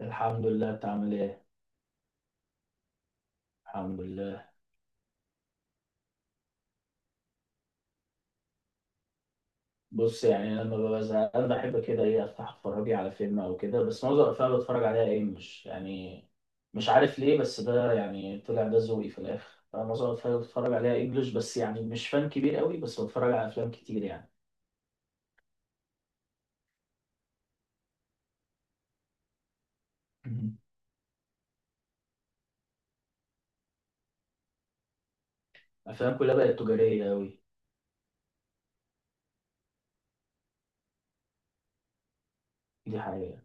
الحمد لله، انت عامل ايه؟ الحمد لله. بص، يعني انا لما ببقى زهقان بحب كده ايه افتح اتفرج لي على فيلم او كده، بس معظم الافلام اللي بتفرج عليها انجلش، يعني مش عارف ليه. بس ده يعني طلع ده ذوقي في الاخر، انا معظم الافلام اللي بتفرج عليها انجلش، بس يعني مش فان كبير قوي، بس بتفرج على افلام كتير يعني. مهم. افلام كلها بقت تجاريه قوي. دي حقيقه.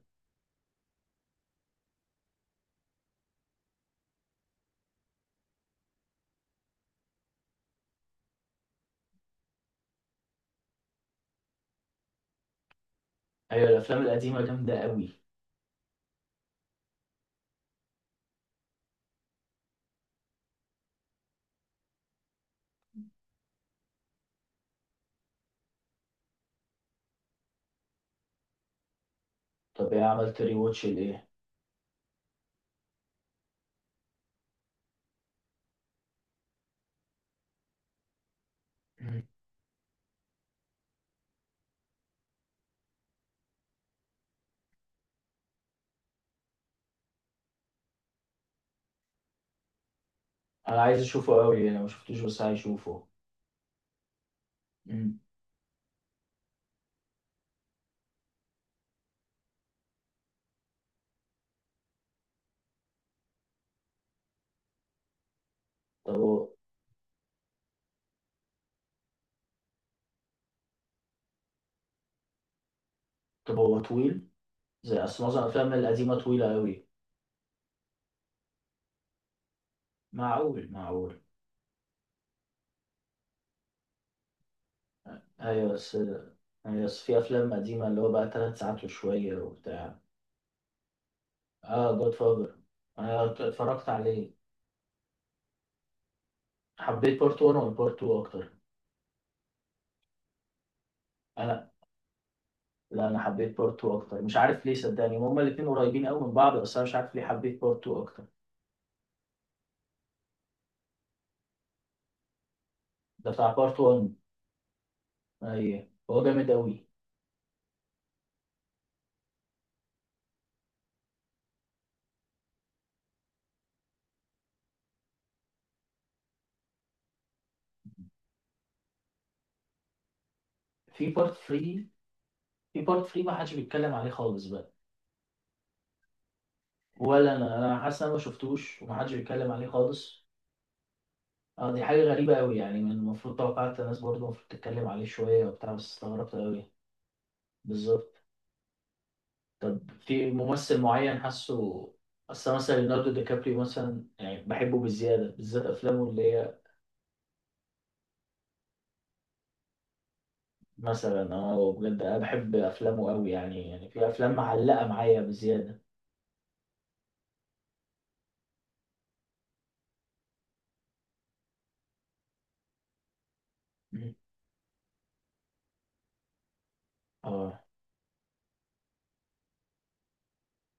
ايوه الافلام القديمه جامده قوي. طب ايه عملت ري واتش لايه؟ مهم. انا عايز اشوفه قوي، انا ما شفتوش بس عايز اشوفه. مهم. طب هو طب هو طويل؟ زي أصل معظم الأفلام القديمة طويلة أوي. معقول معقول. أيوة بس. أيوة بس في أفلام قديمة اللي هو بقى تلات ساعات وشوية وبتاع. آه جود فاذر. أنا اتفرجت عليه. حبيت بارت 1 ولا بارت 2 أكتر؟ أنا لا أنا حبيت بارت 2 أكتر، مش عارف ليه، صدقني هما الاتنين قريبين أوي من بعض، بس أنا مش عارف ليه حبيت بارت 2 أكتر. ده بتاع بارت 1. أيوة هو جامد أوي. في بارت 3 في بارت 3 ما حدش بيتكلم عليه خالص بقى. ولا أنا. أنا حاسس إن أنا ما شفتوش وما حدش بيتكلم عليه خالص. اه دي حاجة غريبة أوي، يعني من المفروض توقعت الناس برضه المفروض تتكلم عليه شوية وبتاع، بس استغربت أوي. بالظبط. طب في ممثل معين حاسه. أصل مثلا ليوناردو دي كابريو مثلا يعني بحبه بالزيادة، بالذات أفلامه اللي هي. مثلا اه بجد أنا بحب أفلامه أوي، يعني في أفلام معلقة معايا بزيادة. مم. اه.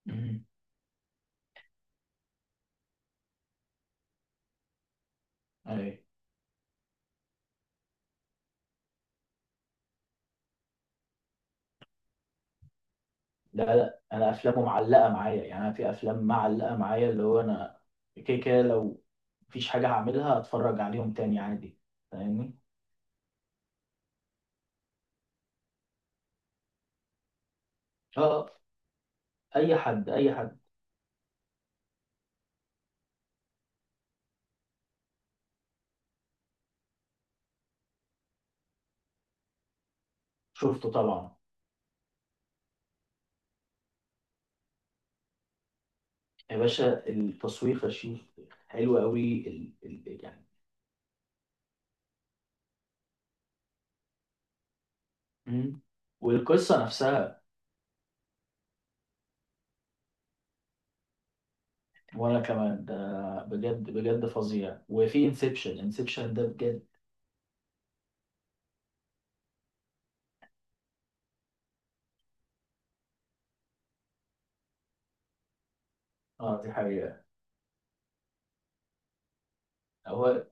مم. أي. لا لا أنا أفلامه معلقة معايا، يعني أنا في أفلام معلقة معايا اللي هو أنا. كده كده لو مفيش حاجة هعملها هتفرج عليهم تاني عادي. فاهمني. اه. اي حد اي حد. شفته طبعا. يا باشا التصوير فشيخ. حلو قوي يعني. مم. والقصه نفسها. وانا كمان ده، بجد بجد فظيع. وفي انسبشن. انسبشن ده بجد. اه دي حقيقه. هو.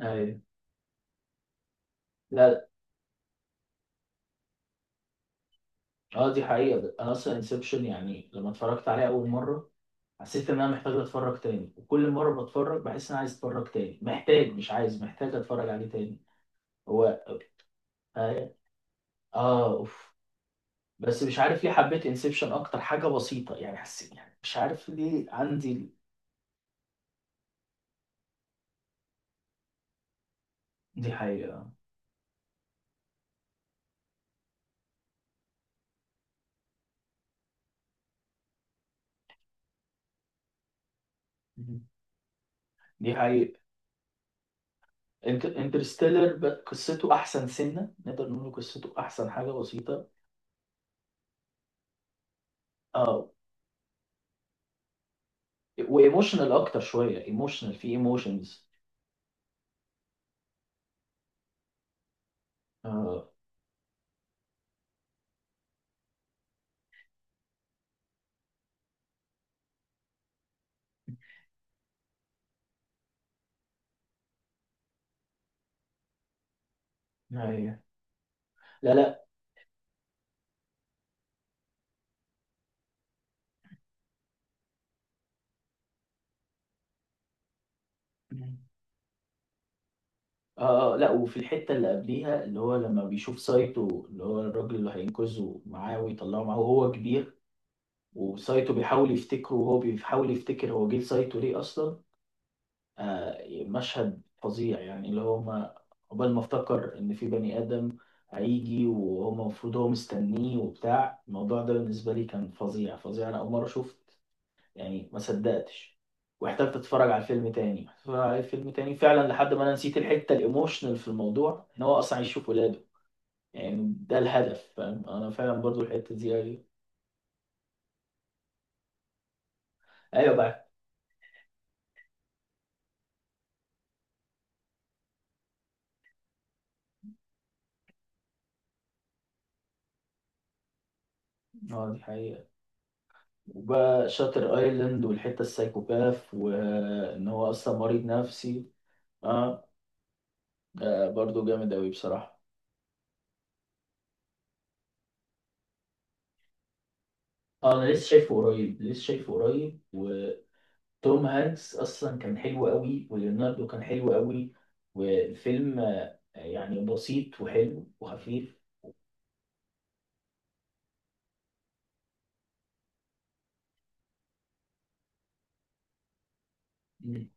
ايوه. لا. اه دي حقيقه، انا اصلا انسبشن يعني لما اتفرجت عليه اول مره حسيت ان انا محتاج اتفرج تاني، وكل مره بتفرج بحس ان انا عايز اتفرج تاني، محتاج، مش عايز، محتاج اتفرج عليه تاني. هو. اه. آه، اوف. بس مش عارف ليه حبيت انسبشن اكتر، حاجه بسيطه يعني، حسيت يعني مش عارف ليه عندي. دي حقيقه. مهم. دي حقيقه. انترستيلر قصته احسن سنه، نقدر نقول قصته احسن حاجه بسيطه. اه. وايموشنال اكتر شويه، ايموشنال في ايموشنز. اه. ايوه. لا لا. اه. لا وفي الحته اللي قبليها اللي هو لما بيشوف سايتو اللي هو الراجل اللي هينقذه معاه ويطلعه معاه وهو كبير، وسايتو بيحاول يفتكره وهو بيحاول يفتكر هو جه سايتو ليه اصلا. مشهد فظيع يعني اللي هو ما قبل ما افتكر ان في بني ادم هيجي وهو المفروض هو مستنيه وبتاع، الموضوع ده بالنسبه لي كان فظيع فظيع، انا اول مره شفت يعني ما صدقتش، واحتجت اتفرج على الفيلم تاني اتفرج على الفيلم تاني فعلا لحد ما انا نسيت الحته الايموشنال في الموضوع ان هو اصلا يشوف ولاده، يعني ده الهدف فاهم. انا فعلا برضو الحته دي ايوه. ايوه بقى. اه دي حقيقه. وبقى شاتر ايلاند والحته السايكوباث وان هو اصلا مريض نفسي. اه. ده برضه جامد أوي بصراحة. اه انا لسه شايفه قريب لسه شايفه قريب، وتوم هانكس اصلا كان حلو أوي، وليوناردو كان حلو أوي. والفيلم يعني بسيط وحلو وخفيف. مم.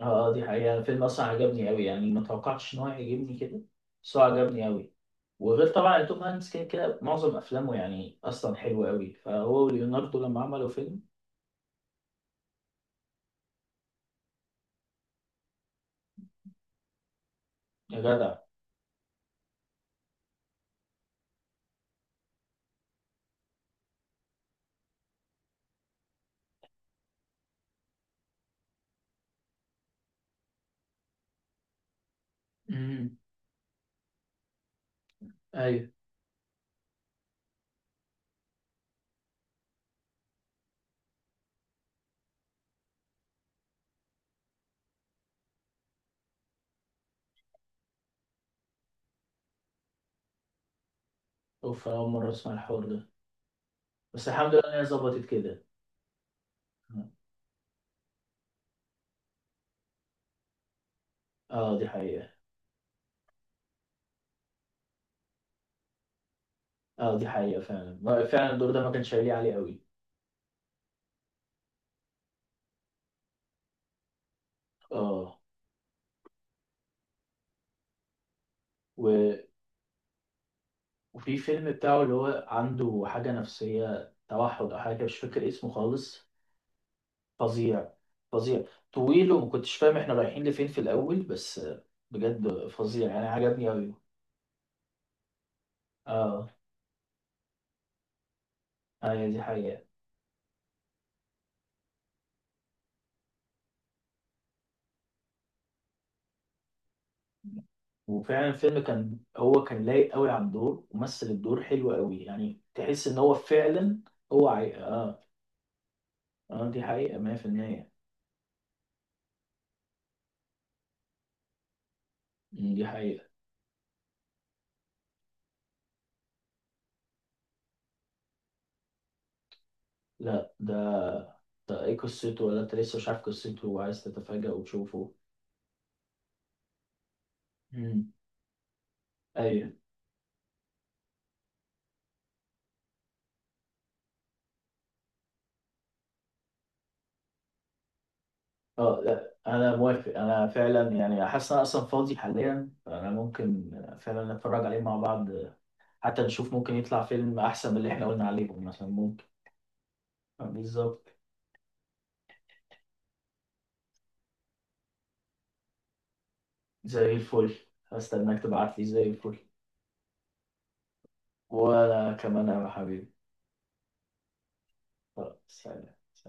اه. دي حقيقة، الفيلم اصلا عجبني أوي، يعني ما توقعتش ان هو يعجبني كده، بس هو عجبني أوي. وغير طبعا إن توم هانكس كده كده معظم افلامه يعني اصلا حلوة أوي، فهو وليوناردو لما عملوا فيلم. يا جدع. امم. ايوه. اوف، أنا اول مرة اسمع الحوار ده. بس الحمد لله ان هي ظبطت كده. اه. دي حقيقة. اه دي حقيقة، فعلا فعلا الدور ده ما كانش هيليق عليه قوي. اه. و... وفي فيلم بتاعه اللي هو عنده حاجة نفسية توحد او حاجة، مش فاكر اسمه خالص. فظيع. فظيع. طويل وما كنتش فاهم احنا رايحين لفين في الاول، بس بجد فظيع يعني عجبني قوي. اه. ايوه دي حقيقة. وفعلا الفيلم كان هو كان لايق قوي على الدور، ومثل الدور حلو قوي، يعني تحس ان هو فعلا. هو اه. اه دي حقيقة 100%. دي حقيقة. لا ده. ده ايه قصته؟ ولا انت لسه مش عارف قصته وعايز تتفاجأ وتشوفه؟ امم. ايوه. اه لا انا موافق، انا فعلا يعني حاسس ان انا اصلا فاضي حاليا انا ممكن فعلا نتفرج عليه مع بعض، حتى نشوف ممكن يطلع فيلم احسن من اللي احنا قلنا عليهم مثلا، ممكن. بالظبط. زي الفل. هستناك تبعت لي، زي الفل. وانا كمان يا حبيبي. خلاص.